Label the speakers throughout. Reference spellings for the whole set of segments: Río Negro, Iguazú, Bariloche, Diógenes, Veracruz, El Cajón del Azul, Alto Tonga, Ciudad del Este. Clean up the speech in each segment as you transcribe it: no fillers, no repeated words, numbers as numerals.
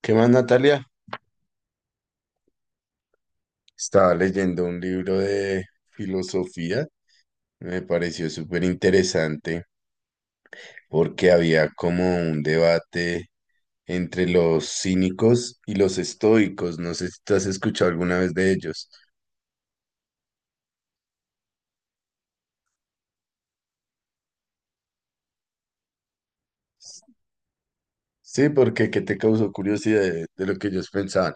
Speaker 1: ¿Qué más, Natalia? Estaba leyendo un libro de filosofía, me pareció súper interesante porque había como un debate entre los cínicos y los estoicos. No sé si tú has escuchado alguna vez de ellos. Sí, porque ¿qué te causó curiosidad de lo que ellos pensaban?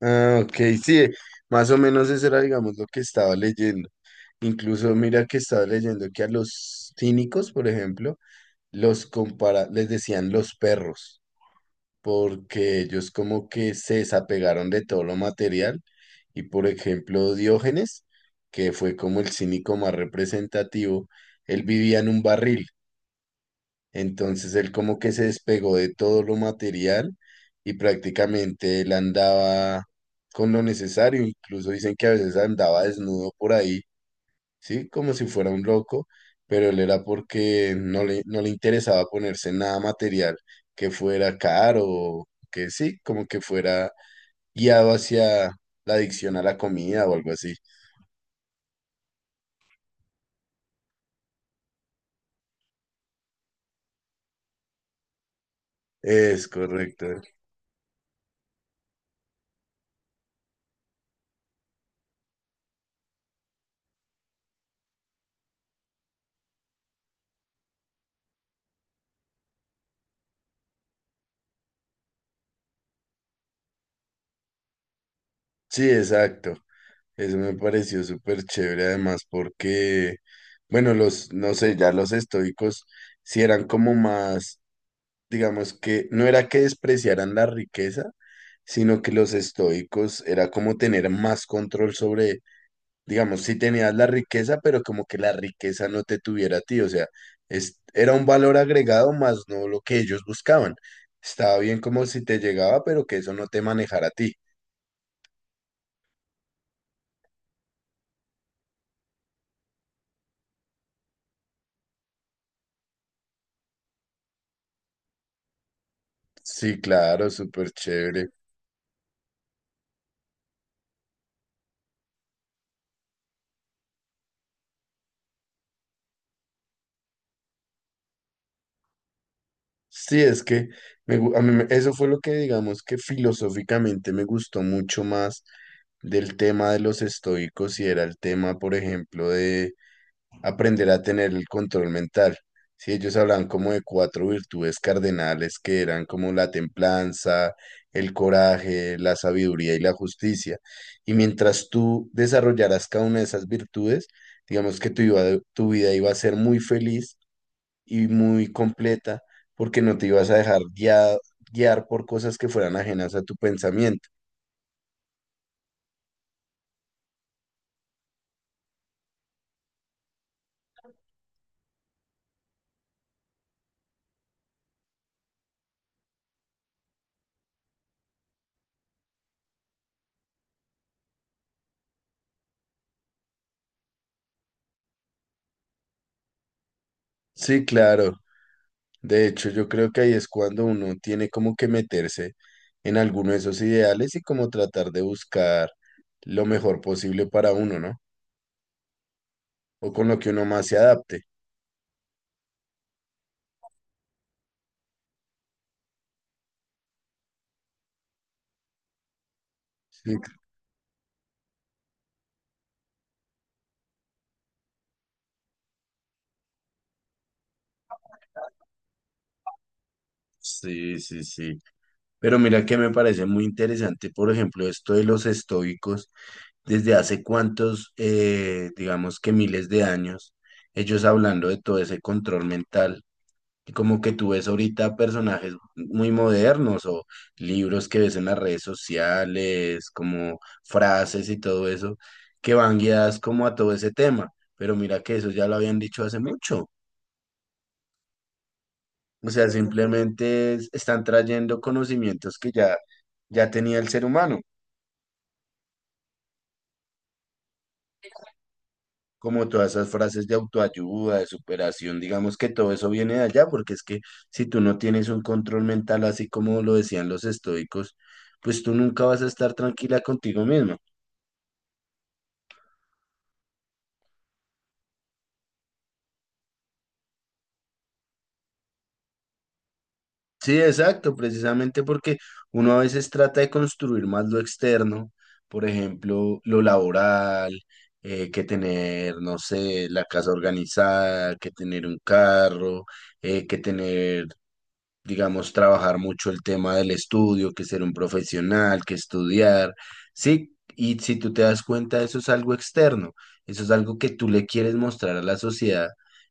Speaker 1: Ah, ok, sí, más o menos eso era, digamos, lo que estaba leyendo. Incluso mira que estaba leyendo que a los cínicos, por ejemplo, los compara, les decían los perros, porque ellos como que se desapegaron de todo lo material y por ejemplo Diógenes, que fue como el cínico más representativo, él vivía en un barril, entonces él como que se despegó de todo lo material y prácticamente él andaba con lo necesario. Incluso dicen que a veces andaba desnudo por ahí, ¿sí? Como si fuera un loco, pero él era porque no le interesaba ponerse nada material que fuera caro, o que sí, como que fuera guiado hacia la adicción a la comida o algo así. Es correcto. Sí, exacto. Eso me pareció súper chévere además porque, bueno, los, no sé, ya los estoicos sí eran como más, digamos que no era que despreciaran la riqueza, sino que los estoicos era como tener más control sobre, digamos, si tenías la riqueza, pero como que la riqueza no te tuviera a ti, o sea, es, era un valor agregado más no lo que ellos buscaban. Estaba bien como si te llegaba, pero que eso no te manejara a ti. Sí, claro, súper chévere. Sí, es que me gu- a mí me- eso fue lo que, digamos, que filosóficamente me gustó mucho más del tema de los estoicos, y era el tema, por ejemplo, de aprender a tener el control mental. Sí, ellos hablan como de cuatro virtudes cardenales que eran como la templanza, el coraje, la sabiduría y la justicia. Y mientras tú desarrollaras cada una de esas virtudes, digamos que tu vida iba a ser muy feliz y muy completa, porque no te ibas a dejar guiar por cosas que fueran ajenas a tu pensamiento. Sí, claro. De hecho, yo creo que ahí es cuando uno tiene como que meterse en alguno de esos ideales y como tratar de buscar lo mejor posible para uno, ¿no? O con lo que uno más se adapte. Sí, sí, sí. Sí. Pero mira que me parece muy interesante, por ejemplo, esto de los estoicos desde hace cuántos, digamos que miles de años, ellos hablando de todo ese control mental. Y como que tú ves ahorita personajes muy modernos o libros que ves en las redes sociales, como frases y todo eso, que van guiadas como a todo ese tema. Pero mira que eso ya lo habían dicho hace mucho. O sea, simplemente están trayendo conocimientos que ya, ya tenía el ser humano, como todas esas frases de autoayuda, de superación. Digamos que todo eso viene de allá, porque es que si tú no tienes un control mental, así como lo decían los estoicos, pues tú nunca vas a estar tranquila contigo misma. Sí, exacto, precisamente porque uno a veces trata de construir más lo externo, por ejemplo, lo laboral, que tener, no sé, la casa organizada, que tener un carro, que tener, digamos, trabajar mucho el tema del estudio, que ser un profesional, que estudiar. Sí, y si tú te das cuenta, eso es algo externo, eso es algo que tú le quieres mostrar a la sociedad.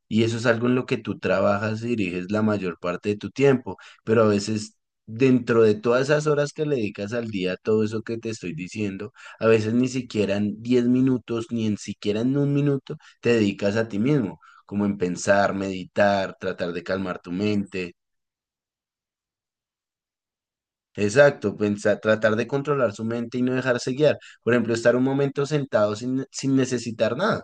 Speaker 1: Y eso es algo en lo que tú trabajas y diriges la mayor parte de tu tiempo, pero a veces, dentro de todas esas horas que le dedicas al día, todo eso que te estoy diciendo, a veces ni siquiera en 10 minutos, ni en siquiera en 1 minuto, te dedicas a ti mismo, como en pensar, meditar, tratar de calmar tu mente. Exacto, pensar, tratar de controlar su mente y no dejarse guiar. Por ejemplo, estar un momento sentado sin necesitar nada.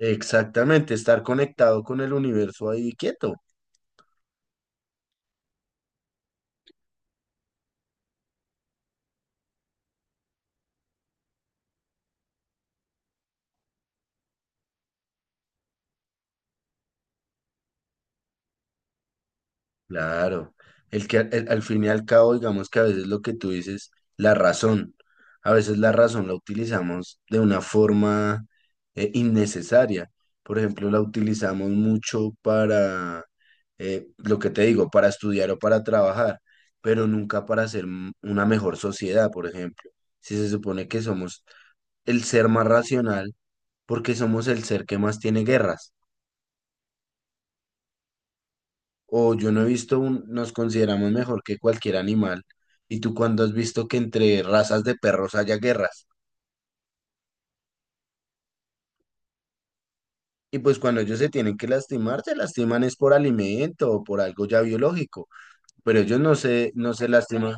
Speaker 1: Exactamente, estar conectado con el universo ahí quieto. Claro, el que al fin y al cabo, digamos que a veces lo que tú dices, la razón, a veces la razón la utilizamos de una forma innecesaria. Por ejemplo, la utilizamos mucho para, lo que te digo, para estudiar o para trabajar, pero nunca para hacer una mejor sociedad, por ejemplo. Si se supone que somos el ser más racional, porque somos el ser que más tiene guerras. O yo no he visto un, nos consideramos mejor que cualquier animal. Y tú cuando has visto que entre razas de perros haya guerras. Y pues cuando ellos se tienen que lastimar, se lastiman es por alimento o por algo ya biológico. Pero ellos no se lastiman.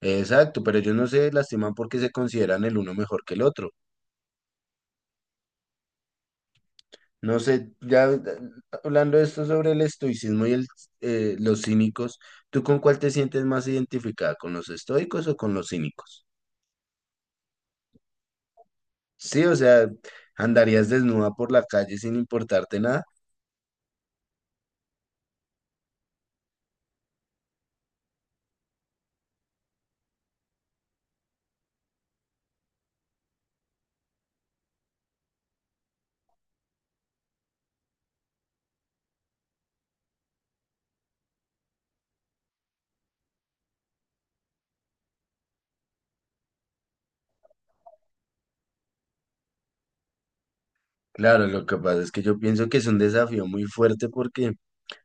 Speaker 1: Exacto, pero ellos no se lastiman porque se consideran el uno mejor que el otro. No sé, ya hablando de esto sobre el estoicismo y los cínicos, ¿tú con cuál te sientes más identificada? ¿Con los estoicos o con los cínicos? Sí, o sea, andarías desnuda por la calle sin importarte nada. Claro, lo que pasa es que yo pienso que es un desafío muy fuerte, porque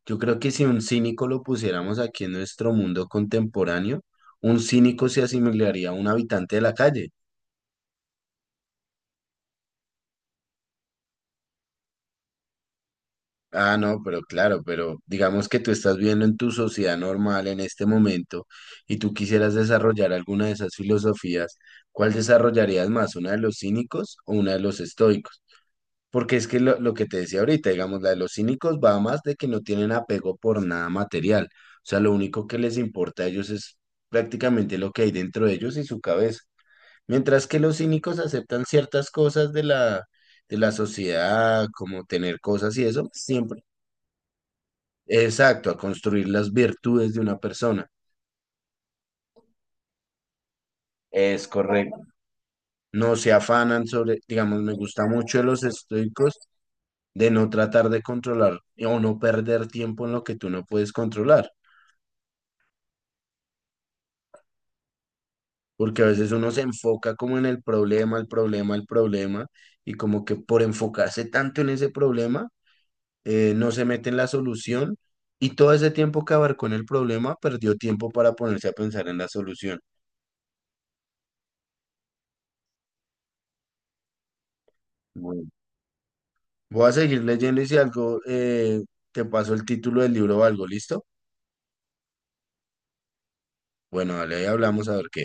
Speaker 1: yo creo que si un cínico lo pusiéramos aquí en nuestro mundo contemporáneo, un cínico se asimilaría a un habitante de la calle. Ah, no, pero claro, pero digamos que tú estás viendo en tu sociedad normal en este momento y tú quisieras desarrollar alguna de esas filosofías, ¿cuál desarrollarías más, una de los cínicos o una de los estoicos? Porque es que lo que te decía ahorita, digamos, la de los cínicos va más de que no tienen apego por nada material. O sea, lo único que les importa a ellos es prácticamente lo que hay dentro de ellos y su cabeza. Mientras que los cínicos aceptan ciertas cosas de de la sociedad, como tener cosas y eso, siempre. Exacto, a construir las virtudes de una persona. Es correcto. No se afanan sobre, digamos, me gusta mucho de los estoicos de no tratar de controlar o no perder tiempo en lo que tú no puedes controlar, porque a veces uno se enfoca como en el problema, el problema, el problema, y como que, por enfocarse tanto en ese problema, no se mete en la solución, y todo ese tiempo que abarcó en el problema, perdió tiempo para ponerse a pensar en la solución. Bueno, voy a seguir leyendo y si algo, te paso el título del libro o algo, ¿listo? Bueno, dale, ahí hablamos a ver qué.